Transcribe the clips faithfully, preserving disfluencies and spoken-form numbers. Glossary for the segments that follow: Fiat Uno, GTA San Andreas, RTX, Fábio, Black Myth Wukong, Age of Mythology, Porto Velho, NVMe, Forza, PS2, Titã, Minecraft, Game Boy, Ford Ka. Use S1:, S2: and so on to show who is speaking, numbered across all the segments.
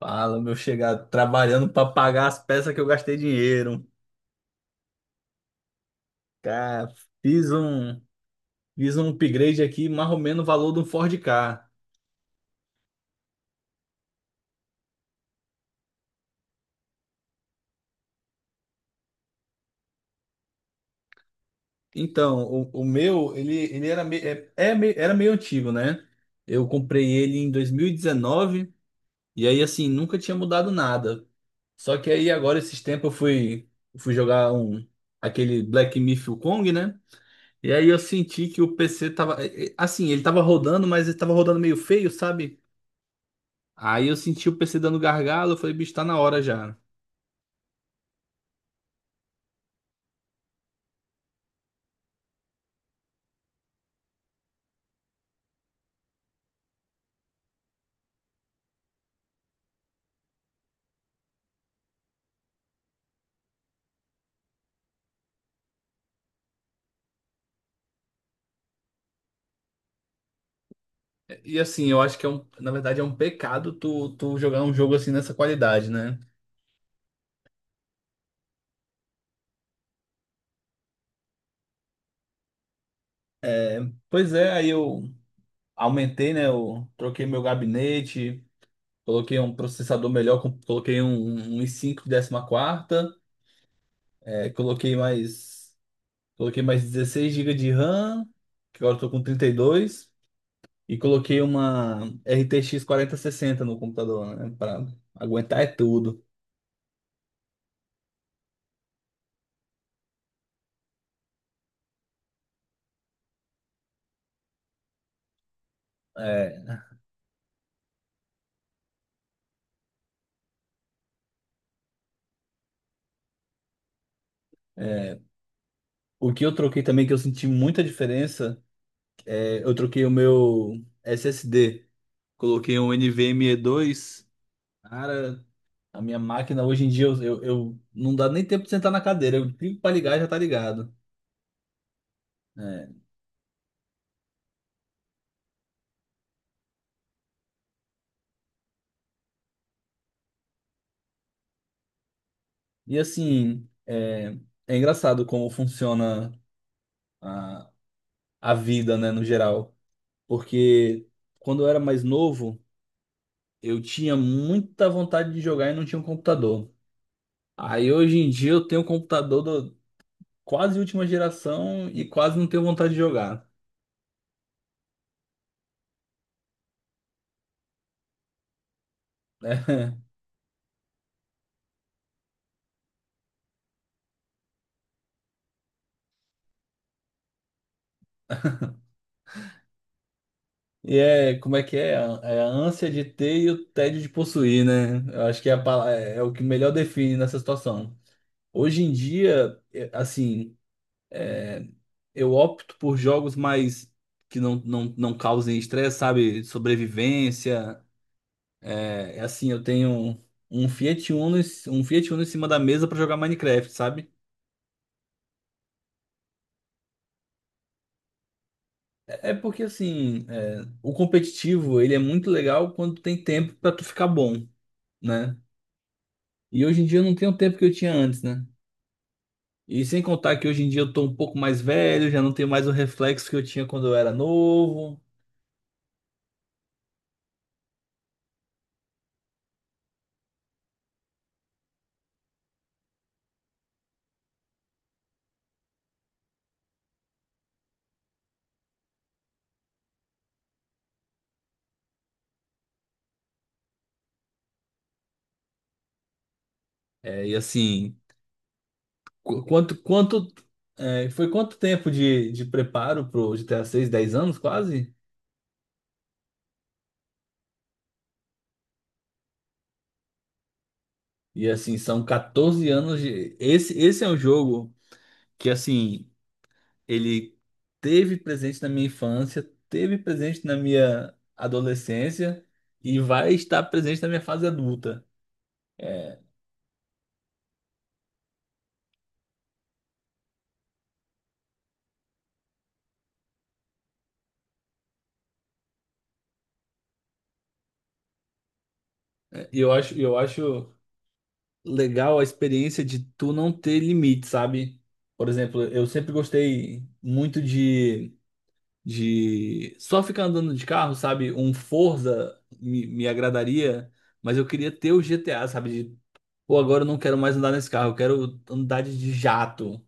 S1: Fala, meu chegado, trabalhando para pagar as peças que eu gastei dinheiro. Cara, fiz um, fiz um upgrade aqui, mais ou menos o valor de um Ford Ka. Então, o, o meu, ele, ele era, me- é, é me- era meio antigo, né? Eu comprei ele em dois mil e dezenove e aí, assim, nunca tinha mudado nada. Só que aí, agora, esses tempos, eu fui, fui jogar um, aquele Black Myth Wukong, né? E aí eu senti que o P C tava, eh, eh, assim, ele tava rodando, mas ele tava rodando meio feio, sabe? Aí eu senti o P C dando gargalo, eu falei, bicho, tá na hora já. E assim, eu acho que é um, na verdade é um pecado tu, tu jogar um jogo assim nessa qualidade, né? Pois é, aí eu aumentei, né? Eu troquei meu gabinete, coloquei um processador melhor, com- coloquei um, um i cinco de décima quarta, é, coloquei mais, coloquei mais dezesseis GB de RAM, que agora eu tô com trinta e dois, e coloquei uma RTX sessenta no computador, né? Pra aguentar é tudo. É. O que eu troquei também, que eu senti muita diferença, é, eu troquei o meu S S D. Coloquei um NVMe dois. Cara, a minha máquina hoje em dia, eu, eu, eu- não dá nem tempo de sentar na cadeira. Eu clico pra ligar e já tá ligado. É. E assim, é é engraçado como funciona a, a vida, né, no geral. Porque quando eu era mais novo, eu tinha muita vontade de jogar e não tinha um computador. Aí hoje em dia eu tenho um computador quase última geração e quase não tenho vontade de jogar, né? E é, como é que é? É a ânsia de ter e o tédio de possuir, né? Eu acho que é, a pala- é é o que melhor define nessa situação. Hoje em dia, é, assim, eu opto por jogos mais que não, não, não causem estresse, sabe? Sobrevivência. É é assim, eu tenho um um Fiat Uno, em- um Fiat Uno em cima da mesa para jogar Minecraft, sabe? É é porque assim, é, o competitivo ele é muito legal quando tem tempo pra tu ficar bom, né? E hoje em dia eu não tenho o tempo que eu tinha antes, né? E sem contar que hoje em dia eu tô um pouco mais velho, já não tenho mais o reflexo que eu tinha quando eu era novo. É, e assim, qu- quanto, quanto, é, foi quanto tempo de, de preparo pro GTA seis, dez anos quase? E assim, são catorze anos. De. Esse, esse é um jogo que assim, ele teve presente na minha infância, teve presente na minha adolescência e vai estar presente na minha fase adulta. É, e eu acho, eu acho legal a experiência de tu não ter limite, sabe? Por exemplo, eu sempre gostei muito de, de só ficar andando de carro, sabe? Um Forza me, me agradaria, mas eu queria ter o G T A, sabe? De, pô, agora eu não quero mais andar nesse carro, eu quero andar de de jato.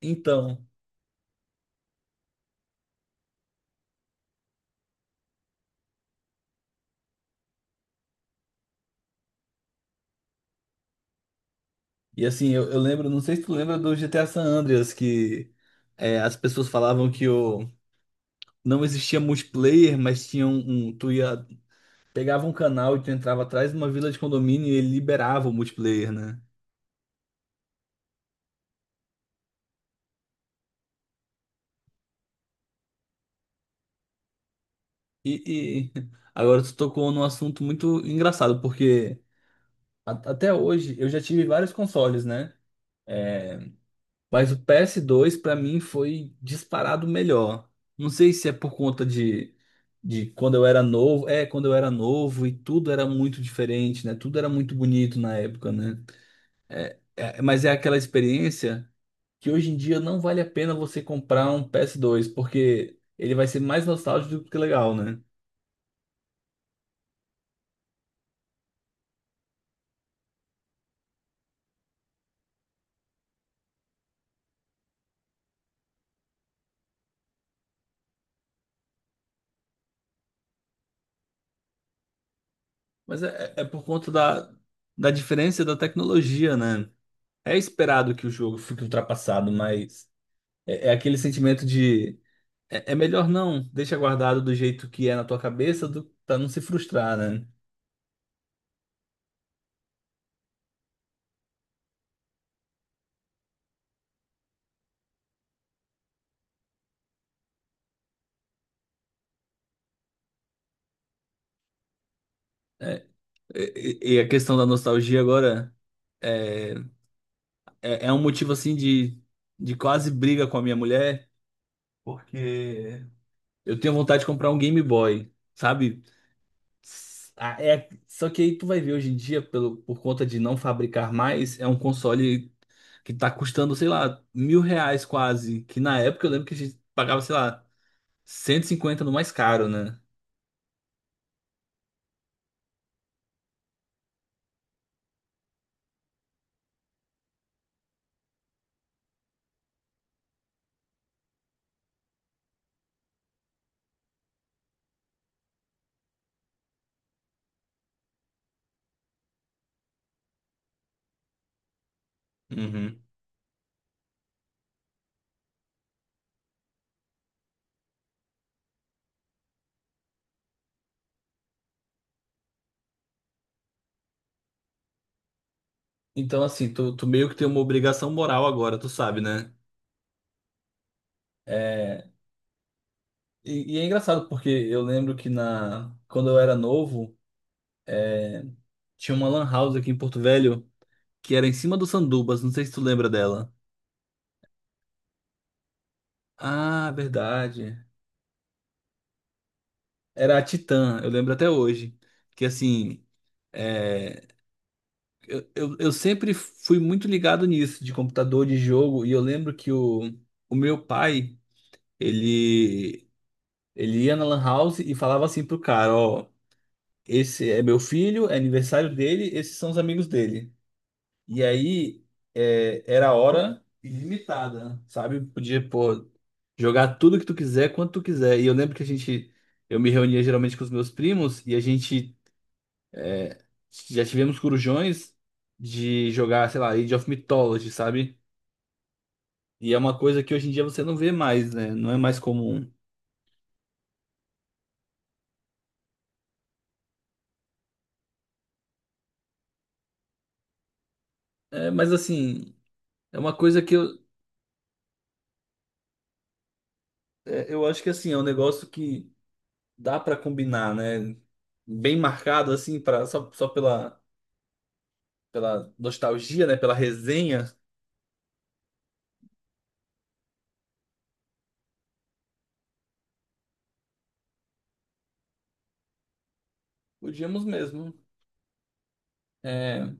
S1: Então, e assim, eu, eu lembro, não sei se tu lembra do G T A San Andreas, que é, as pessoas falavam que o, não existia multiplayer, mas tinha um, um- Tu ia, pegava um canal e tu entrava atrás de uma vila de condomínio e ele liberava o multiplayer, né? E, e agora tu tocou num assunto muito engraçado, porque a- até hoje eu já tive vários consoles, né? É, mas o P S dois pra mim foi disparado melhor. Não sei se é por conta de, de quando eu era novo, é, quando eu era novo e tudo era muito diferente, né? Tudo era muito bonito na época, né? É, é- mas é aquela experiência que hoje em dia não vale a pena você comprar um P S dois, porque ele vai ser mais nostálgico do que legal, né? Mas é, é é por conta da, da diferença da tecnologia, né? É esperado que o jogo fique ultrapassado, mas é é aquele sentimento de... É, é melhor não, deixa guardado do jeito que é na tua cabeça, do, pra não se frustrar, né? É, e, e a questão da nostalgia agora é, é, é um motivo assim de, de quase briga com a minha mulher, porque eu tenho vontade de comprar um Game Boy, sabe? S- a- É, só que aí tu vai ver hoje em dia, pelo, por conta de não fabricar mais, é um console que tá custando, sei lá, mil reais quase. Que na época eu lembro que a gente pagava, sei lá, cento e cinquenta no mais caro, né? Uhum. Então, assim, tu, tu meio que tem uma obrigação moral agora, tu sabe, né? É, e, e é engraçado porque eu lembro que, na, quando eu era novo, tinha uma lan house aqui em Porto Velho que era em cima do Sandubas, não sei se tu lembra dela. Ah, verdade. Era a Titã, eu lembro até hoje. Que assim, é, eu, eu, eu sempre fui muito ligado nisso, de computador, de jogo, e eu lembro que o, o meu pai, ele, ele ia na lan house e falava assim pro cara: ó, esse é meu filho, é aniversário dele, esses são os amigos dele. E aí é, era hora ilimitada, sabe? Podia, pô, jogar tudo que tu quiser, quanto tu quiser. E eu lembro que a gente, eu me reunia geralmente com os meus primos e a gente já tivemos corujões de jogar, sei lá, Age of Mythology, sabe? E é uma coisa que hoje em dia você não vê mais, né? Não é mais comum. É, mas assim, é uma coisa que eu, é, eu acho que assim, é um negócio que dá pra combinar, né? Bem marcado assim, para só, só pela pela nostalgia, né, pela resenha, podíamos mesmo. É,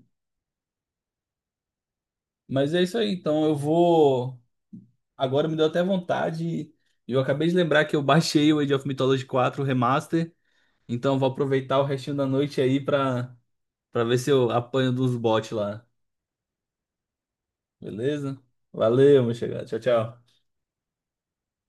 S1: mas é isso aí, então eu vou agora me deu até vontade e eu acabei de lembrar que eu baixei o Age of Mythology quatro Remaster, então vou aproveitar o restinho da noite aí pra para ver se eu apanho dos bots lá. Beleza? Valeu, meu chegado. Tchau, tchau.